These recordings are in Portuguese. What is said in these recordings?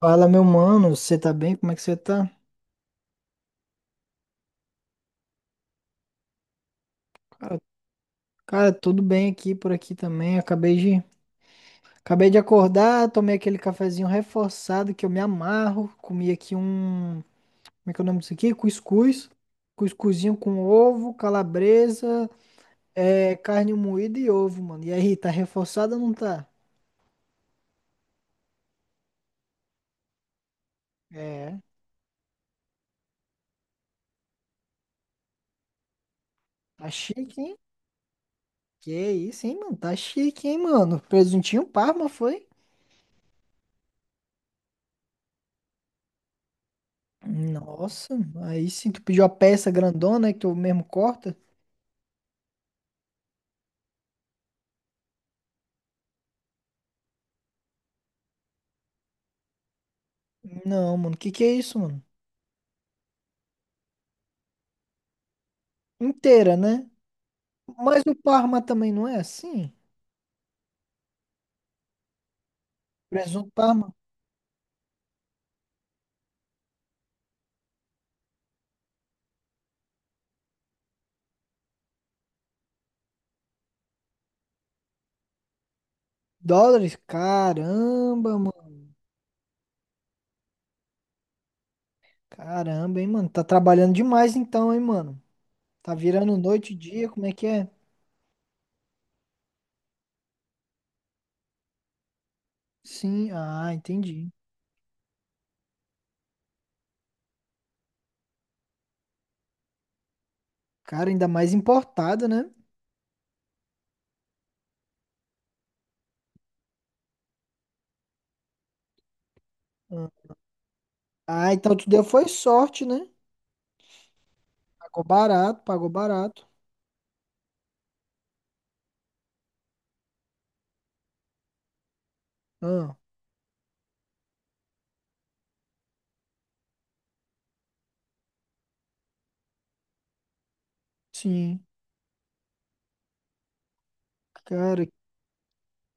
Fala, meu mano, você tá bem? Como é que você tá? Cara, cara, tudo bem aqui por aqui também. Acabei de acordar, tomei aquele cafezinho reforçado que eu me amarro. Comi aqui um, como é que é o nome disso aqui? Cuscuz. Cuscuzinho com ovo, calabresa, é, carne moída e ovo, mano. E aí, tá reforçado ou não tá? É, tá chique, hein? Que isso, hein, mano? Tá chique, hein, mano? Presuntinho Parma foi? Nossa, aí sim, tu pediu a peça grandona, né, que tu mesmo corta? Não, mano. Que é isso, mano? Inteira, né? Mas o Parma também não é assim? Presunto Parma. Dólares? Caramba, mano. Caramba, hein, mano. Tá trabalhando demais então, hein, mano. Tá virando noite e dia, como é que é? Sim, ah, entendi. Cara, ainda mais importada, né? Ah, Ah, então tu deu foi sorte, né? Pagou barato, pagou barato. Ah, sim. Cara,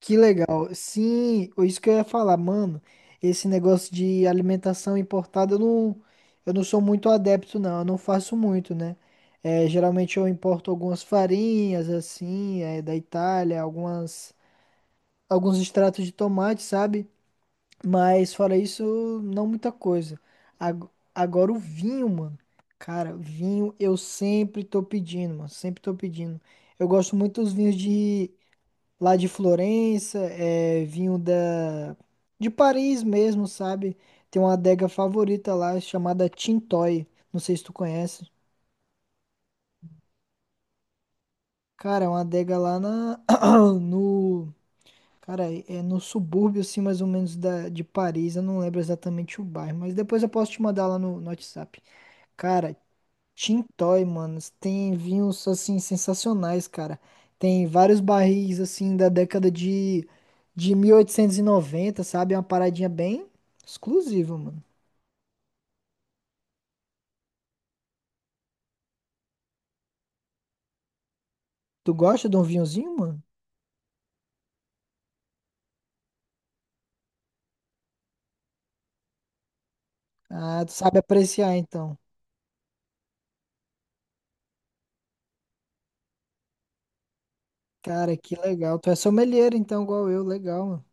que legal. Sim, isso que eu ia falar, mano. Esse negócio de alimentação importada, eu não sou muito adepto, não. Eu não faço muito, né? É, geralmente eu importo algumas farinhas, assim, é, da Itália, algumas, alguns extratos de tomate, sabe? Mas fora isso, não muita coisa. Ag- Agora o vinho, mano. Cara, vinho eu sempre tô pedindo, mano. Sempre tô pedindo. Eu gosto muito dos vinhos de lá de Florença, é, vinho da de Paris mesmo, sabe? Tem uma adega favorita lá chamada Tintoy. Não sei se tu conhece. Cara, é uma adega lá na no Cara, é no subúrbio, assim, mais ou menos da, de Paris. Eu não lembro exatamente o bairro, mas depois eu posso te mandar lá no WhatsApp. Cara, Tintoy, mano, tem vinhos assim sensacionais, cara. Tem vários barris assim da década de 1890, sabe? É uma paradinha bem exclusiva, mano. Tu gosta de um vinhozinho, mano? Ah, tu sabe apreciar então. Cara, que legal. Tu é sommelier então, igual eu, legal, mano.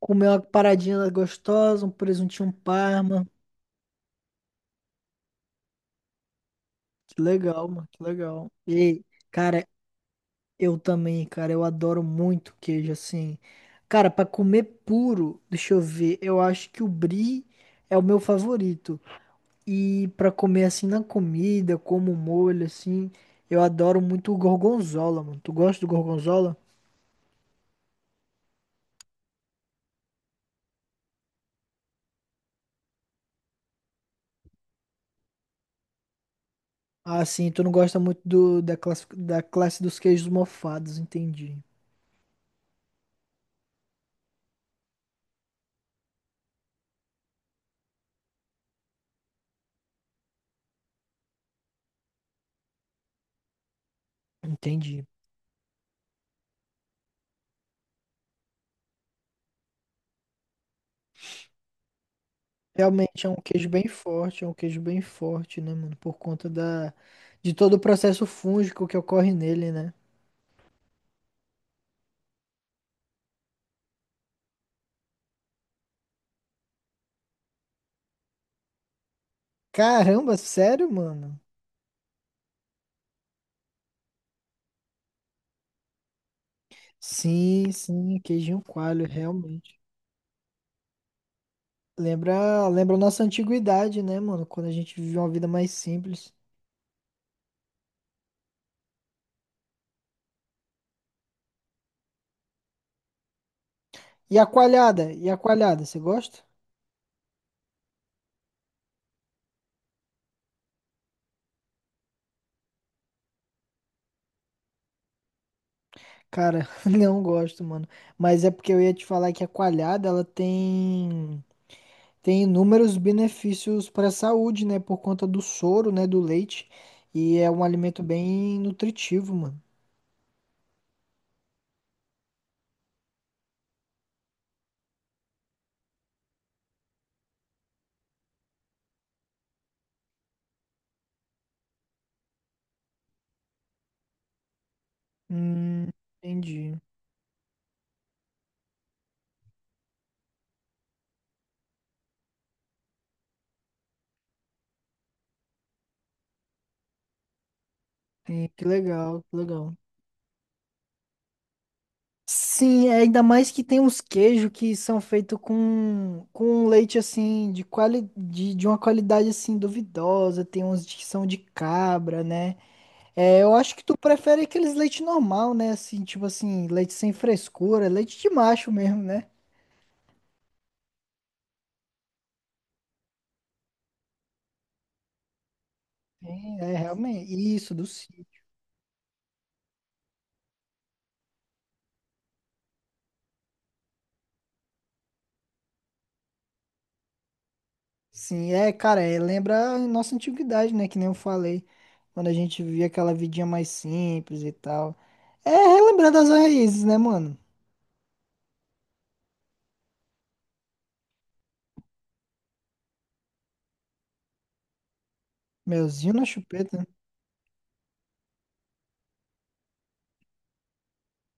Comer uma paradinha gostosa, um presuntinho parma. Que legal, mano, que legal. E, cara, eu também, cara, eu adoro muito queijo assim. Cara, pra comer puro, deixa eu ver, eu acho que o brie é o meu favorito. E pra comer assim na comida, como molho assim, eu adoro muito o gorgonzola, mano. Tu gosta do gorgonzola? Ah, sim, tu não gosta muito da classe dos queijos mofados, entendi. Entendi. Realmente é um queijo bem forte, é um queijo bem forte, né, mano? Por conta da, de todo o processo fúngico que ocorre nele, né? Caramba, sério, mano? Sim, sim, queijinho coalho, realmente. Lembra a nossa antiguidade, né, mano? Quando a gente vivia uma vida mais simples. E a coalhada? E a coalhada, você gosta? Cara, não gosto, mano. Mas é porque eu ia te falar que a coalhada, ela tem tem inúmeros benefícios para a saúde, né, por conta do soro, né, do leite, e é um alimento bem nutritivo, mano. Hum, entendi. Sim, que legal, que legal. Sim, é, ainda mais que tem uns queijos que são feitos com um leite assim, de, quali, de uma qualidade assim duvidosa, tem uns que são de cabra, né? É, eu acho que tu prefere aqueles leite normal, né? Assim, tipo assim, leite sem frescura, leite de macho mesmo, né? É, realmente, isso, do cio. Sim, é, cara, é, lembra a nossa antiguidade, né? Que nem eu falei, quando a gente vivia aquela vidinha mais simples e tal. É relembrar das raízes, né, mano? Melzinho na chupeta.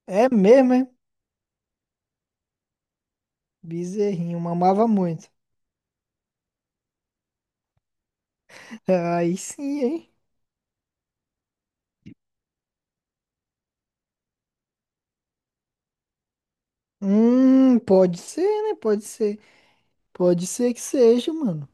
É mesmo, é? Bezerrinho, mamava muito. Aí sim, hein? Pode ser, né? Pode ser. Pode ser que seja, mano.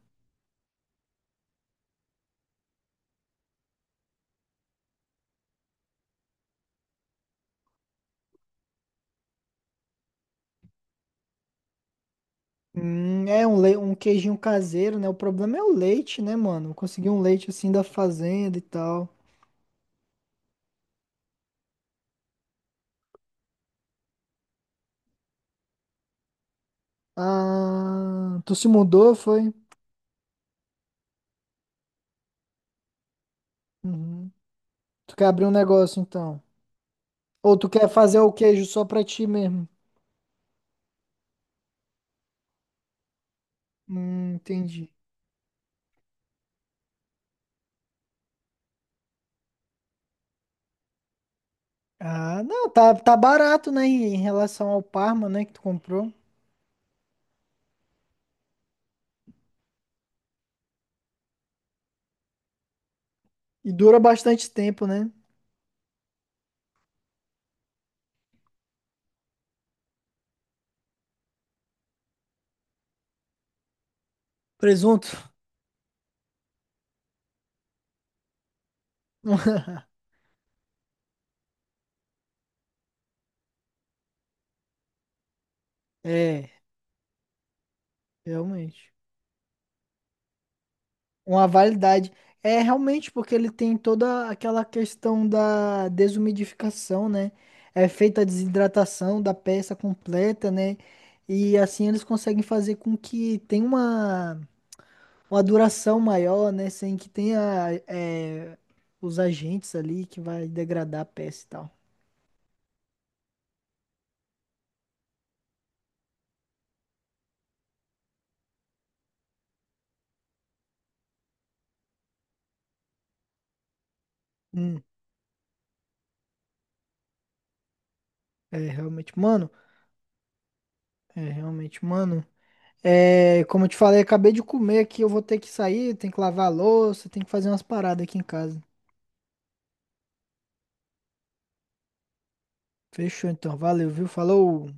É um, le... um queijinho caseiro, né? O problema é o leite, né, mano? Conseguir um leite assim da fazenda e tal. Ah, tu se mudou, foi? Uhum. Tu quer abrir um negócio, então? Ou tu quer fazer o queijo só pra ti mesmo? Entendi. Ah, não, tá, tá barato, né? Em relação ao Parma, né, que tu comprou. E dura bastante tempo, né? Presunto. É, realmente. Uma validade. É realmente porque ele tem toda aquela questão da desumidificação, né? É feita a desidratação da peça completa, né? E assim eles conseguem fazer com que tenha uma duração maior, né? Sem que tenha é, os agentes ali que vai degradar a peça e tal. Hum, é realmente, mano. É realmente, mano. É, como eu te falei, acabei de comer aqui, eu vou ter que sair, tem que lavar a louça, tem que fazer umas paradas aqui em casa. Fechou então, valeu, viu? Falou!